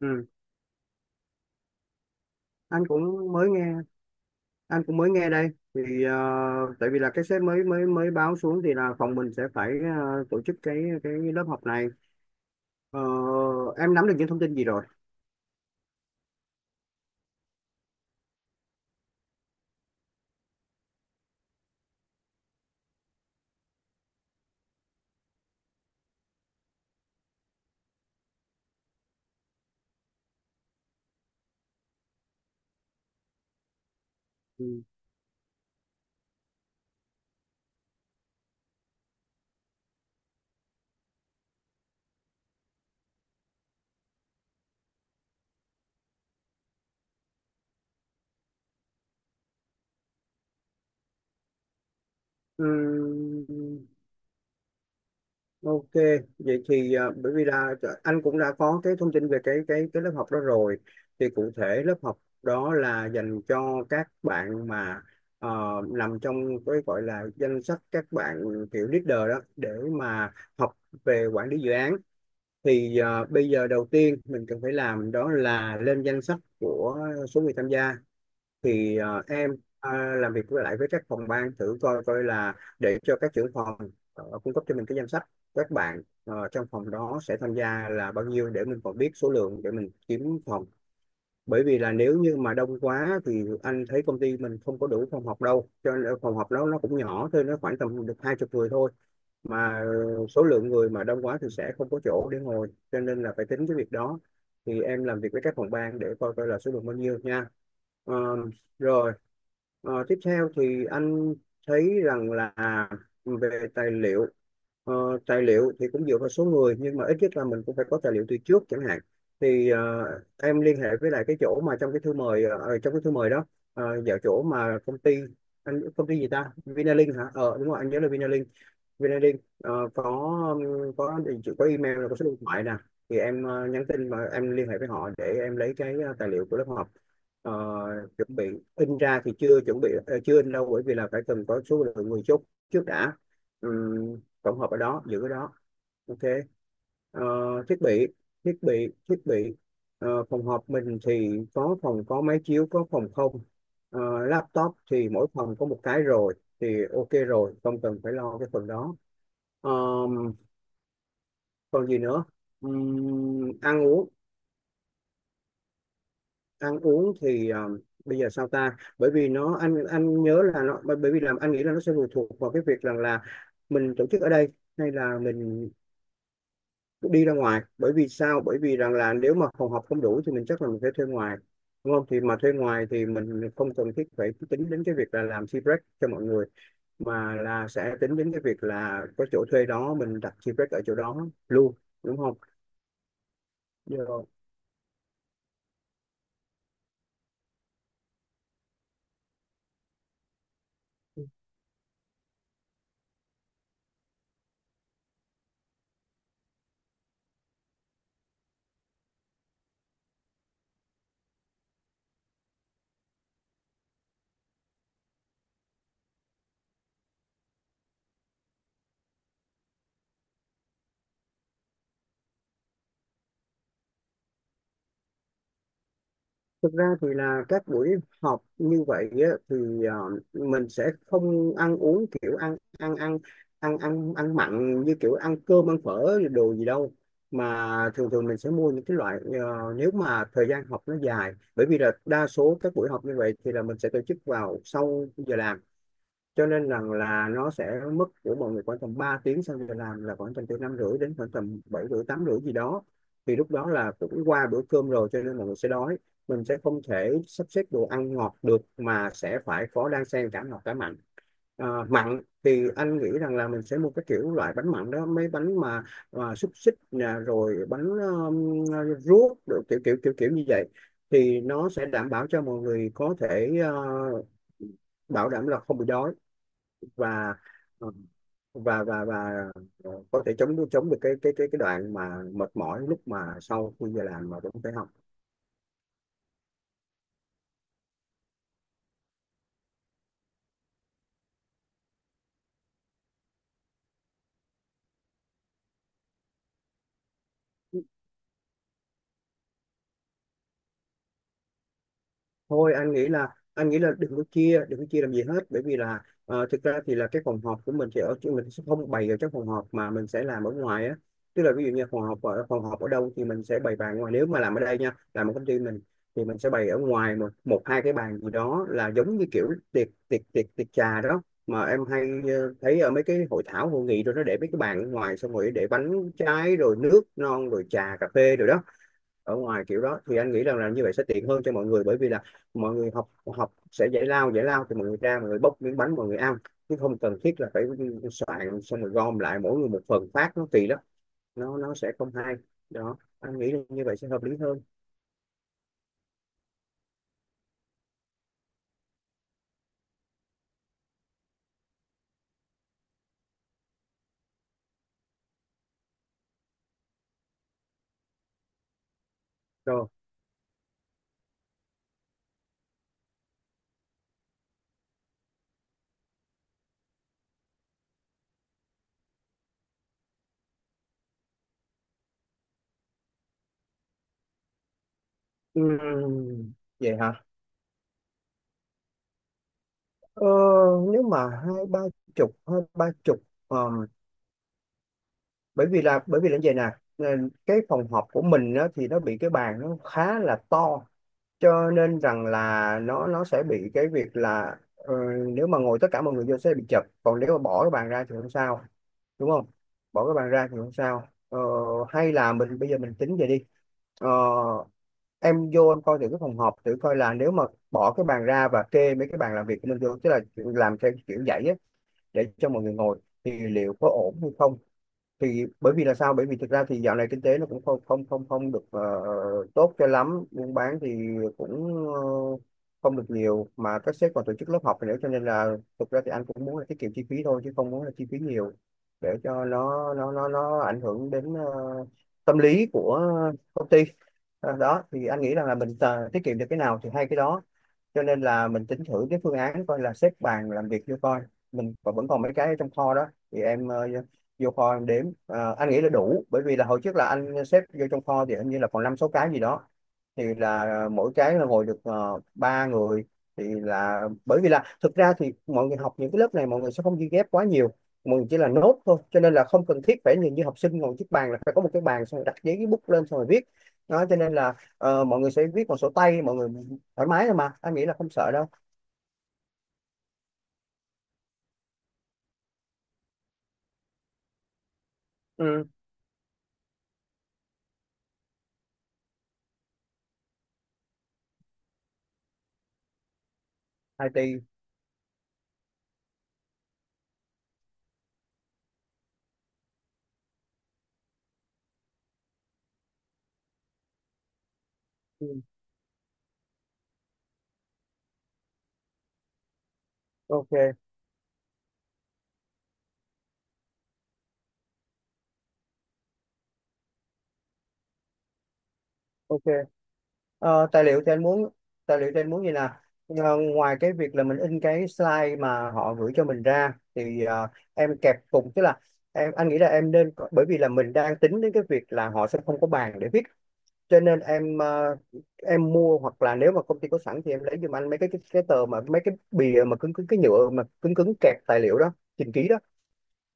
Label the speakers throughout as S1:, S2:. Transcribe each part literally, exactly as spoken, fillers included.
S1: Ừ, anh cũng mới nghe anh cũng mới nghe đây thì ờ, tại vì là cái sếp mới mới mới báo xuống, thì là phòng mình sẽ phải ờ, tổ chức cái cái lớp học này. Ờ, em nắm được những thông tin gì rồi? Ừ. Ừm, ok, vậy thì ờ, bởi vì là anh cũng đã có cái thông tin về cái cái cái lớp học đó rồi, thì cụ thể lớp học đó là dành cho các bạn mà ờ, nằm trong cái gọi là danh sách các bạn kiểu leader đó để mà học về quản lý dự án. Thì ờ, bây giờ đầu tiên mình cần phải làm đó là lên danh sách của số người tham gia, thì ờ, em ờ, làm việc với lại với các phòng ban thử coi coi là để cho các trưởng phòng ờ, cung cấp cho mình cái danh sách các bạn ờ, trong phòng đó sẽ tham gia là bao nhiêu để mình còn biết số lượng để mình kiếm phòng. Bởi vì là nếu như mà đông quá thì anh thấy công ty mình không có đủ phòng học đâu, cho nên ờ, phòng học đó nó cũng nhỏ thôi, nó khoảng tầm được hai chục người thôi, mà số lượng người mà đông quá thì sẽ không có chỗ để ngồi, cho nên là phải tính cái việc đó. Thì em làm việc với các phòng ban để coi coi là số lượng bao nhiêu nha. Ờ, Rồi. Ờ, tiếp theo thì anh thấy rằng là về tài liệu. Ờ, Tài liệu thì cũng dựa vào số người, nhưng mà ít nhất là mình cũng phải có tài liệu từ trước chẳng hạn. Thì ờ, em liên hệ với lại cái chỗ mà trong cái thư mời ờ, ờ, trong cái thư mời đó, uh, vào chỗ mà công ty, anh công ty gì ta, Vinalink hả? ờ Đúng rồi, anh nhớ là Vinalink, vê en i đê. Ờ, có, um, có địa chỉ- có email, là có số điện thoại nè. Thì em ờ, nhắn tin và em liên hệ với họ để em lấy cái ờ, tài liệu của lớp học. Ờ, Chuẩn bị in ra thì chưa chuẩn bị, ờ, chưa in đâu, bởi vì là phải cần có số lượng người chốt trước đã. Ừm, tổng hợp ở đó, giữ ở đó, ok. Ờ, Thiết bị, thiết bị thiết bị Ờ, phòng họp mình thì có, phòng có máy chiếu, có phòng không? Ờ, Laptop thì mỗi phòng có một cái rồi, thì ok rồi, không cần phải lo cái phần đó. Ờm, Còn gì nữa. Ừm, ăn uống ăn uống thì ờm, bây giờ sao ta, bởi vì nó, anh anh nhớ là nó, bởi bởi vì làm anh nghĩ là nó sẽ phụ thuộc vào cái việc rằng là mình tổ chức ở đây hay là mình đi ra ngoài. Bởi vì sao, bởi vì rằng là nếu mà phòng họp không đủ thì mình chắc là mình phải thuê ngoài, đúng không? Thì mà thuê ngoài thì mình không cần thiết phải tính đến cái việc là làm tea break cho mọi người, mà là sẽ tính đến cái việc là có chỗ thuê đó mình đặt tea break ở chỗ đó luôn, đúng không? Được rồi. Thực ra thì là các buổi họp như vậy á, thì ờ, mình sẽ không ăn uống kiểu ăn ăn ăn ăn ăn ăn mặn như kiểu ăn cơm ăn phở đồ gì đâu, mà thường thường mình sẽ mua những cái loại ờ, nếu mà thời gian học nó dài, bởi vì là đa số các buổi họp như vậy thì là mình sẽ tổ chức vào sau giờ làm, cho nên rằng là nó sẽ mất của mọi người khoảng tầm ba tiếng sau giờ làm, là khoảng tầm từ năm rưỡi đến khoảng tầm bảy rưỡi tám rưỡi gì đó. Thì lúc đó là cũng qua bữa cơm rồi, cho nên mọi người sẽ đói, mình sẽ không thể sắp xếp đồ ăn ngọt được, mà sẽ phải có đan xen cả ngọt cả mặn. À, mặn thì anh nghĩ rằng là mình sẽ mua cái kiểu loại bánh mặn đó, mấy bánh mà, mà xúc xích nè, rồi bánh um, ruốc, rồi kiểu kiểu kiểu kiểu như vậy. Thì nó sẽ đảm bảo cho mọi người có thể ờ, bảo đảm là không bị đói, và ờ, và và và ờ, có thể chống chống được cái cái cái cái đoạn mà mệt mỏi lúc mà sau khi giờ làm mà vẫn phải học. Thôi, anh nghĩ là anh nghĩ là đừng có chia đừng có chia làm gì hết, bởi vì là ờ, thực ra thì là cái phòng họp của mình sẽ ở chứ, mình sẽ không bày ở trong phòng họp mà mình sẽ làm ở ngoài á, tức là ví dụ như phòng họp ở phòng họp ở đâu thì mình sẽ bày bàn ngoài, nếu mà làm ở đây nha, làm ở công ty mình, thì mình sẽ bày ở ngoài một một hai cái bàn gì đó, là giống như kiểu tiệc tiệc tiệc tiệc trà đó mà em hay ờ, thấy ở mấy cái hội thảo hội nghị, rồi nó để mấy cái bàn ở ngoài, xong rồi để bánh trái, rồi nước non, rồi trà cà phê rồi đó. Ở ngoài kiểu đó thì anh nghĩ rằng là như vậy sẽ tiện hơn cho mọi người, bởi vì là mọi người học học sẽ giải lao giải lao thì mọi người ra, mọi người bốc miếng bánh, mọi người ăn, chứ không cần thiết là phải soạn xong rồi gom lại mỗi người một phần phát, nó kỳ lắm, nó nó sẽ không hay. Đó, anh nghĩ là như vậy sẽ hợp lý hơn. Rồi. Ừm, Vậy hả? ờ, Nếu mà hai ba chục, hai ba chục ờ, bởi vì là bởi vì là như vậy nè. ờ, cái phòng họp của mình á, thì nó bị cái bàn nó khá là to, cho nên rằng là nó nó sẽ bị cái việc là ờ, nếu mà ngồi tất cả mọi người vô sẽ bị chật, còn nếu mà bỏ cái bàn ra thì không sao, đúng không? Bỏ cái bàn ra thì không sao. Ờ, Hay là mình bây giờ mình tính vậy đi. Ờ, em vô em coi thử cái phòng họp, thử coi là nếu mà bỏ cái bàn ra và kê mấy cái bàn làm việc của mình vô, tức là làm theo kiểu dãy á, để cho mọi người ngồi thì liệu có ổn hay không. Thì bởi vì là sao, bởi vì thực ra thì dạo này kinh tế nó cũng không không không không được ờ, tốt cho lắm, buôn bán thì cũng ờ, không được nhiều, mà các sếp còn tổ chức lớp học nữa, cho nên là thực ra thì anh cũng muốn là tiết kiệm chi phí thôi, chứ không muốn là chi phí nhiều để cho nó nó nó nó ảnh hưởng đến ờ, tâm lý của công ty. Ờ, đó thì anh nghĩ rằng là mình ờ, tiết kiệm được cái nào thì hay cái đó, cho nên là mình tính thử cái phương án coi là xếp bàn làm việc cho coi. Mình còn- vẫn còn mấy cái ở trong kho đó, thì em ờ, vô kho em đếm. Ờ, anh nghĩ là đủ, bởi vì là hồi trước là anh xếp vô trong kho thì hình như là còn năm sáu cái gì đó, thì là mỗi cái là ngồi được uh, ba người. Thì là bởi vì là thực ra thì mọi người học những cái lớp này mọi người sẽ không ghi ghép quá nhiều, mọi người chỉ là nốt thôi, cho nên là không cần thiết phải nhìn như học sinh ngồi chiếc bàn là phải có một cái bàn xong rồi đặt giấy cái bút lên xong rồi viết đó, cho nên là ờ, mọi người sẽ viết bằng sổ tay mọi người thoải mái thôi mà, anh nghĩ là không sợ đâu. Ừ. ai ti. Ừ, ok, ok. Ờ, tài liệu thì anh muốn tài liệu thì anh muốn gì nè? Ờ, ngoài cái việc là mình in cái slide mà họ gửi cho mình ra, thì ờ, em kẹp cùng, tức là em anh nghĩ là em nên có- bởi vì là mình đang tính đến cái việc là họ sẽ không có bàn để viết, cho nên em ờ, em mua, hoặc là nếu mà công ty có sẵn thì em lấy giùm anh mấy cái cái, cái tờ mà mấy cái bìa mà cứng cứng, cái nhựa mà cứng cứng kẹp tài liệu đó trình ký.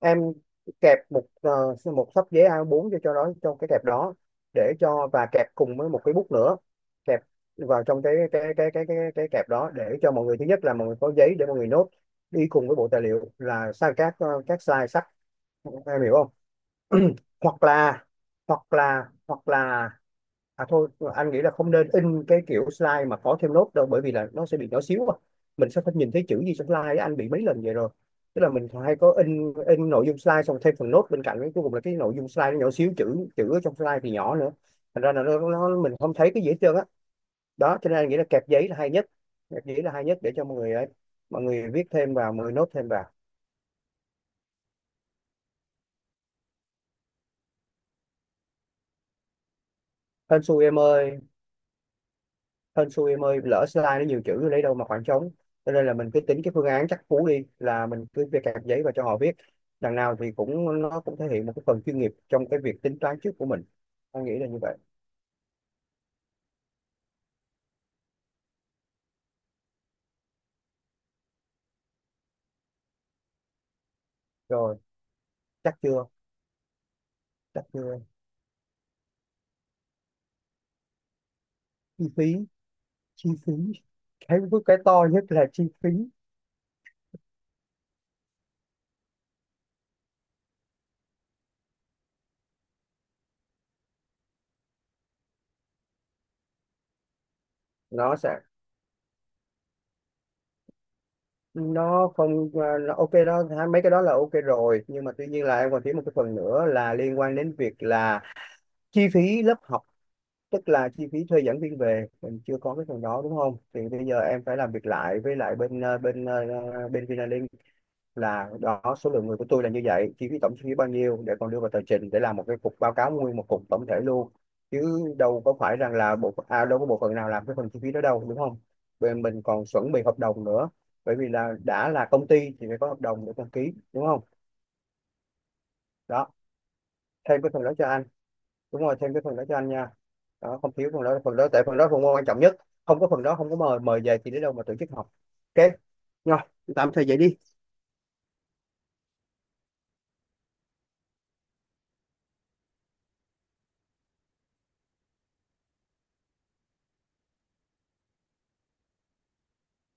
S1: Em kẹp một ờ, một xấp giấy a bốn cho cho đó trong cái kẹp đó, để cho, và kẹp cùng với một cái bút nữa, kẹp Vào trong cái cái cái cái cái, cái kẹp đó để cho mọi người, thứ nhất là mọi người có giấy để mọi người nốt đi cùng với bộ tài liệu là sang các ờ, các slide sách. Em hiểu không? hoặc là hoặc là hoặc là À thôi, anh nghĩ là không nên in cái kiểu slide mà có thêm nốt đâu, bởi vì là nó sẽ bị nhỏ xíu à. Mình sẽ phải nhìn thấy chữ gì trong slide á, anh bị mấy lần vậy rồi. Tức là mình hay có in in nội dung slide xong thêm phần nốt bên cạnh, cuối cùng là cái nội dung slide nó nhỏ xíu, chữ chữ ở trong slide thì nhỏ nữa. Thành ra là nó, nó mình không thấy cái gì hết trơn á. Đó, cho nên anh nghĩ là kẹp giấy là hay nhất. Kẹp giấy là hay nhất để cho mọi người ấy, mọi người viết thêm vào, mọi người nốt thêm vào. Hên xui em ơi. Hên xui em ơi, lỡ slide nó nhiều chữ lấy đâu mà khoảng trống. Cho nên là mình cứ tính cái phương án chắc cú đi, là mình cứ viết cạc giấy và cho họ viết, đằng nào thì cũng nó cũng thể hiện một cái phần chuyên nghiệp trong cái việc tính toán trước của mình. Anh nghĩ là như vậy. Rồi, chắc chưa? Chắc chưa? Chi phí, chi phí. Cái cái to nhất là chi phí. Nó sẽ nó không à, Nó ok đó ha, mấy cái đó là ok rồi, nhưng mà tuy nhiên là em còn thiếu một cái phần nữa là liên quan đến việc là chi phí lớp học. Tức là chi phí thuê giảng viên về mình chưa có cái phần đó, đúng không? Thì bây giờ em phải làm việc lại với lại bên ờ, bên ờ, bên Vinalink, là đó, số lượng người của tôi là như vậy, chi phí tổng chi phí bao nhiêu, để còn đưa vào tờ trình để làm một cái cục báo cáo nguyên một cục tổng thể luôn. Chứ đâu có phải rằng là bộ à, đâu có bộ phận nào làm cái phần chi phí đó đâu, đúng không? Bên mình còn chuẩn bị hợp đồng nữa, bởi vì là đã là công ty thì phải có hợp đồng để đăng ký, đúng không? Đó, thêm cái phần đó cho anh. Đúng rồi, thêm cái phần đó cho anh nha. Đó, không thiếu phần đó, phần đó tại phần đó phần môn quan trọng nhất. Không có phần đó không có mời mời về thì đến đâu mà tổ chức học. Ok, rồi, tạm thời vậy đi.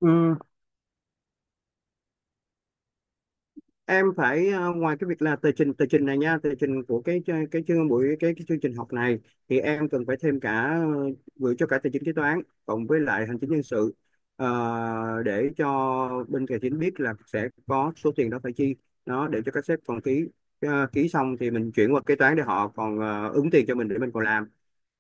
S1: Ừ, em phải ờ, ngoài cái việc là tờ trình tờ trình này nha, tờ trình của cái ch- cái chương buổi cái, cái chương trình học này, thì em cần phải thêm cả ờ, gửi cho cả tài chính kế toán cộng với lại hành chính nhân sự. Ờ, để cho bên tài chính biết là sẽ có số tiền đó phải chi, nó để cho các sếp còn ký. Ờ, ký xong thì mình chuyển qua kế toán để họ còn ờ, ứng tiền cho mình để mình còn làm,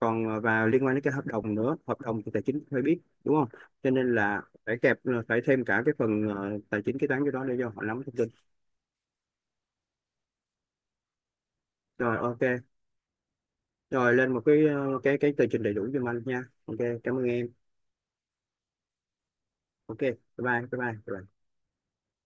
S1: còn ờ, vào liên quan đến cái hợp đồng nữa, hợp đồng thì tài chính phải biết, đúng không? Cho nên là phải kẹp ờ, phải thêm cả cái phần ờ, tài chính kế toán cho đó để cho họ nắm thông tin. Rồi, ok, rồi lên một cái ờ, cái cái tờ trình đầy đủ cho anh nha. Ok, cảm ơn em. Ok, bye bye bye bye, bye bye.